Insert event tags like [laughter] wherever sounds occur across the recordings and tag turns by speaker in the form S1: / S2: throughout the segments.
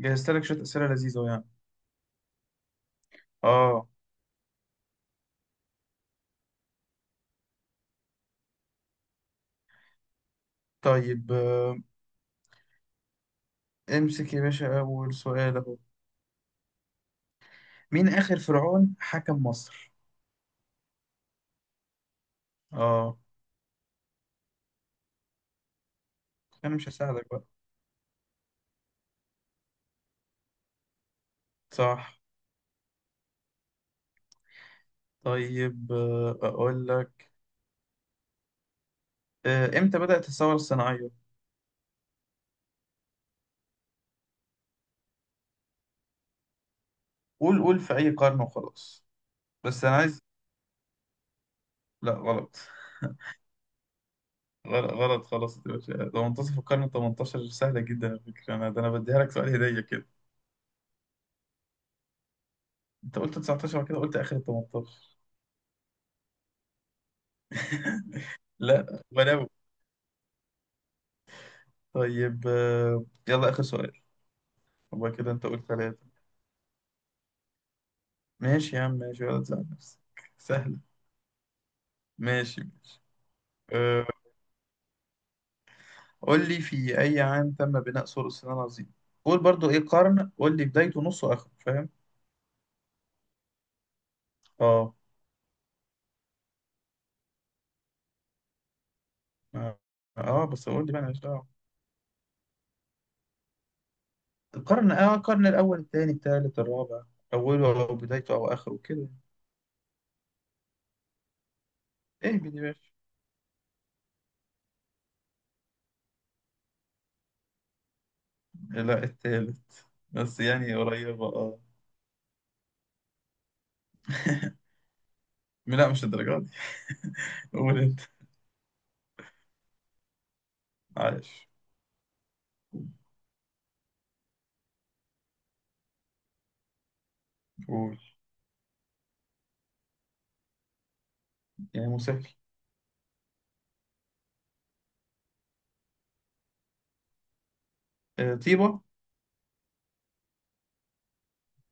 S1: جهزت لك شوية أسئلة لذيذة يعني آه. طيب. امسك يا باشا أول سؤال أهو. مين آخر فرعون حكم مصر؟ آه. أنا مش هساعدك بقى. صح. طيب، أقول لك. إمتى بدأت الثورة الصناعية؟ قول، في أي قرن وخلاص. بس أنا عايز. لا غلط. غلط خلاص يا باشا، ده منتصف القرن 18، سهلة جدا على فكرة. أنا أنا بديها لك سؤال هدية كده. أنت قلت 19 وبعد كده قلت آخر 18. [laughs] لا غلابة. طيب، يلا آخر سؤال. هو كده انت قلت ثلاثة. ماشي يا عم، ماشي، ولا تزعل نفسك. سهلة. ماشي. أه. قول لي في أي عام تم بناء سور الصين العظيم. قول برضو إيه قرن، قول لي بدايته نصه آخره فاهم. اه. اه. بس قول لي بقى ماليش دعوة. القرن، القرن الأول الثاني الثالث الرابع. أوله أو بدايته أو آخره كده. إيه بدي باشا. لا، الثالث. بس يعني قريبة اه. [laughs] لا، مش الدرجات دي. قول أنت. عايش. قول. يعني مسهل. أه، طيبة.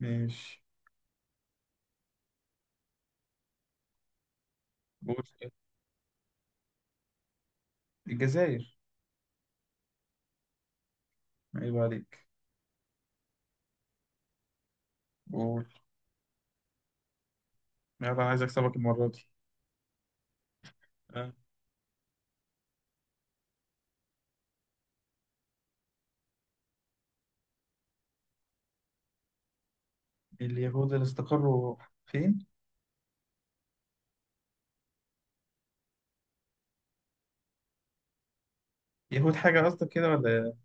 S1: ماشي. قول. الجزائر. عيب عليك. قول. يلا عايز اكسبك المرة دي. ها. اليهود اللي استقروا فين؟ يهود حاجة قصدك كده ولا إيه؟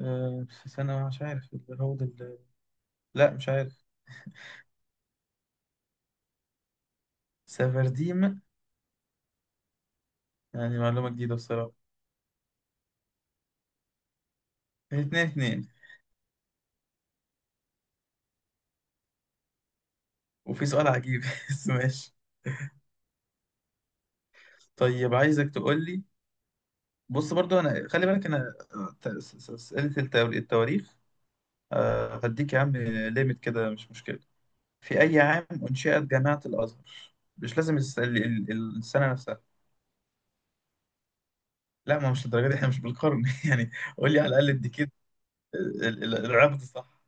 S1: آه، في سنة مش عارف اليهود اللي... لا مش عارف. سفرديم. يعني معلومة جديدة بصراحة. اتنين اتنين. وفي سؤال عجيب [laughs] بس ماشي. طيب عايزك تقول لي. بص برضو انا خلي بالك انا، اسئلة التواريخ. هديك يا عم ليميت كده، مش مشكلة. في أي عام أنشئت جامعة الأزهر؟ مش لازم السنة نفسها. لا، ما مش للدرجة دي، احنا مش بالقرن [laughs] يعني. قول لي على الأقل الديكيد. العقد صح.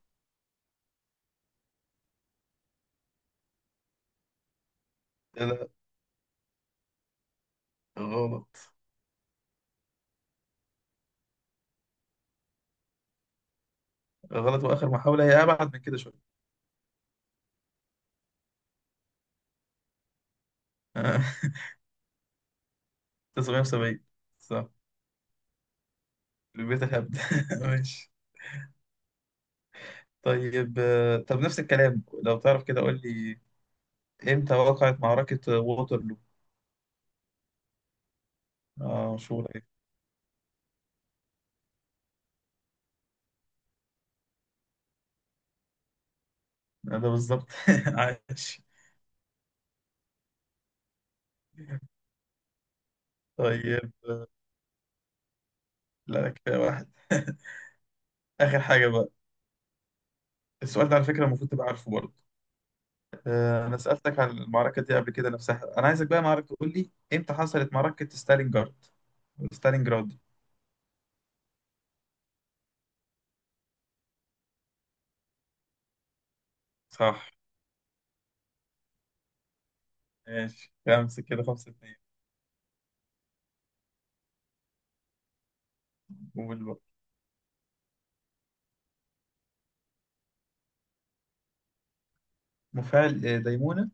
S1: لا غلط. وآخر محاولة، هي أبعد من كده شوية. [laughs] 1970. صح. البيت الهبد. [laughs] ماشي. طيب، طب نفس الكلام لو تعرف كده قول لي. امتى وقعت معركة ووترلو؟ اه مشهورة ايه. ده بالظبط. [laughs] عاش. طيب. لا كده واحد. [laughs] آخر حاجة بقى. السؤال ده على فكرة المفروض تبقى عارفه برضه. أنا سألتك عن المعركة دي قبل كده نفسها. أنا عايزك بقى معركة تقول لي إمتى حصلت معركة ستالينجراد. ستالينجراد دي. صح. ماشي خمسة كده، خمسة اتنين. قول بقى. مفاعل ديمونة.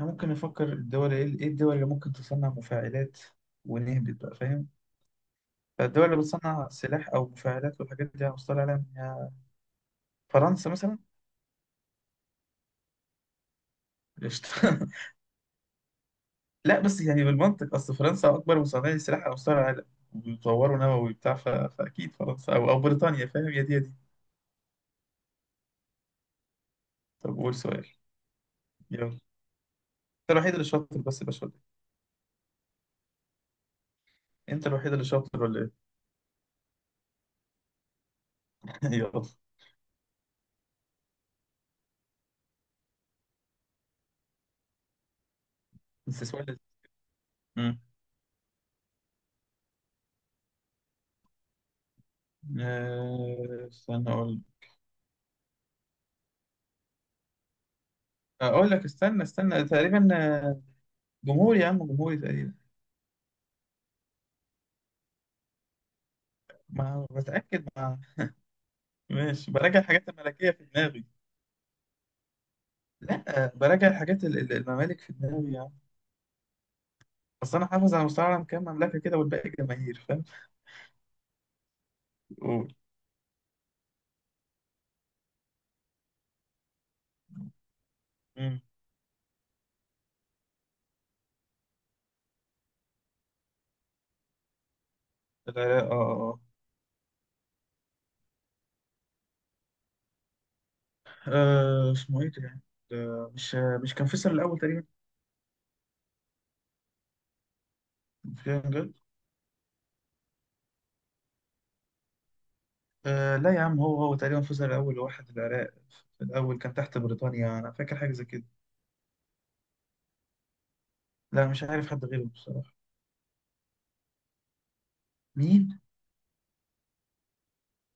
S1: أنا ممكن نفكر الدول، إيه إيه الدول اللي ممكن تصنع مفاعلات، ونهبط بقى فاهم. فالدول اللي بتصنع سلاح أو مفاعلات والحاجات دي هنصطلح عليها إن هي. فرنسا مثلا. قشطة. لا بس يعني بالمنطق، اصل فرنسا اكبر مصنع سلاح على مستوى العالم وبيطوروا نووي بتاع فاكيد فرنسا او بريطانيا فاهم، يا دي يا دي. طب قول سؤال. يلا. انت الوحيد اللي شاطر بس يا باشا ولا. إيه؟ انت الوحيد اللي شاطر ولا ايه؟ [laughs] يلا. بس سؤال. امم. استنى اقول. اقول لك استنى تقريبا آه، جمهوري يا عم، جمهوري تقريبا. ما بتاكد مع. ماشي، براجع الحاجات الملكيه في دماغي. لا، آه، براجع الحاجات الممالك في دماغي يا عم. اصل انا حافظ على مستوى العالم كام مملكه كده والباقي جماهير. أوه. امم. العراق، اه اه. آه، آه، اسمه ايه ده؟ ده مش، مش كان فيصل الاول تقريبا، في جد. آه لا يا عم، هو تقريبا فيصل الاول واحد العراق. في الاول كان تحت بريطانيا، انا فاكر حاجه زي كده. لا مش عارف حد غيره بصراحه. مين؟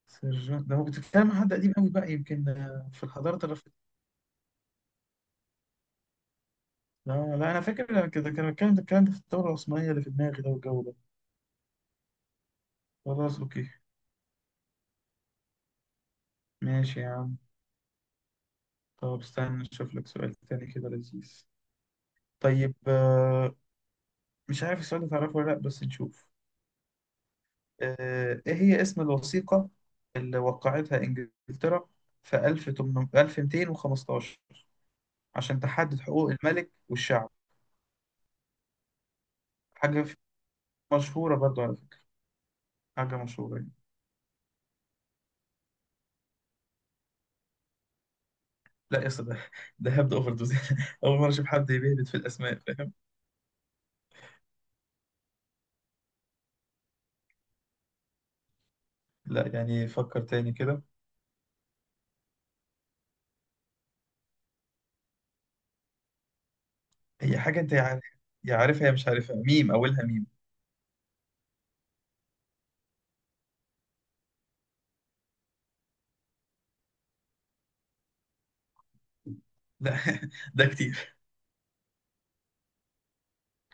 S1: سيرجون ده، هو بتتكلم عن حد قديم قوي بقى، يمكن في الحضاره اللي فاتت. لا انا فاكر كده كان الكلام ده، في الثوره العثمانيه اللي في دماغي ده والجو ده. خلاص اوكي. ماشي يا عم. طب استنى نشوف لك سؤال تاني كده لذيذ. طيب، مش عارف السؤال ده تعرفه ولا لأ بس نشوف. إيه هي اسم الوثيقة اللي وقعتها إنجلترا في 1215 عشان تحدد حقوق الملك والشعب. حاجة في- مشهورة برضو على فكرة، حاجة مشهورة يعني. لا يا اسطى ده، ده هبد أوفر دوز. [laughs] أول مرة أشوف حد بيهبد في الأسماء فاهم. لا يعني فكر تاني كده. هي حاجة أنت يا، يا عارفها يا مش عارفها، ميم، أولها ميم. لا [laughs] ده كتير.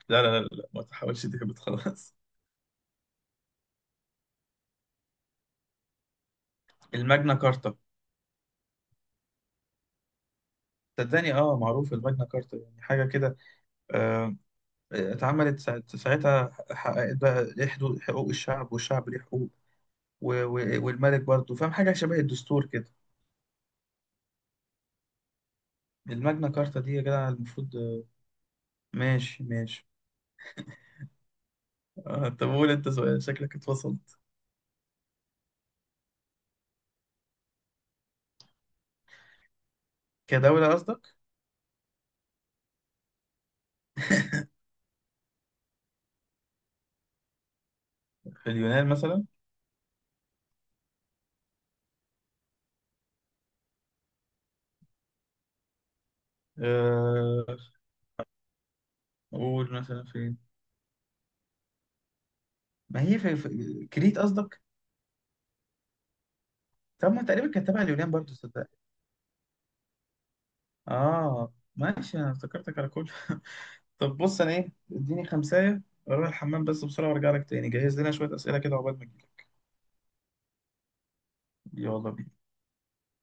S1: لا ما تحاولش تهبط خلاص. الماجنا كارتا. صدقني اه، معروف الماجنا كارتا، يعني حاجه كده. آه، اتعملت ساعتها حققت بقى ليه حدود حقوق الشعب، والشعب ليه حقوق والملك برضه، فاهم حاجه شبه الدستور كده. الماجنا كارتا دي يا جدع المفروض آه. ماشي. آه، طب قول انت سؤال، شكلك اتفصلت. كدوله قصدك. في اليونان مثلا. آه، قول مثلا فين. ما هي كريت قصدك. طب ما تقريبا كانت تبع اليونان برضه صدق. اه ماشي انا افتكرتك على كل. [laughs] طب بص انا ايه اديني خمسة، اروح الحمام بس بسرعة وارجع لك تاني، جهز لنا شوية اسئلة كده عقبال ما اجيلك. يلا بينا.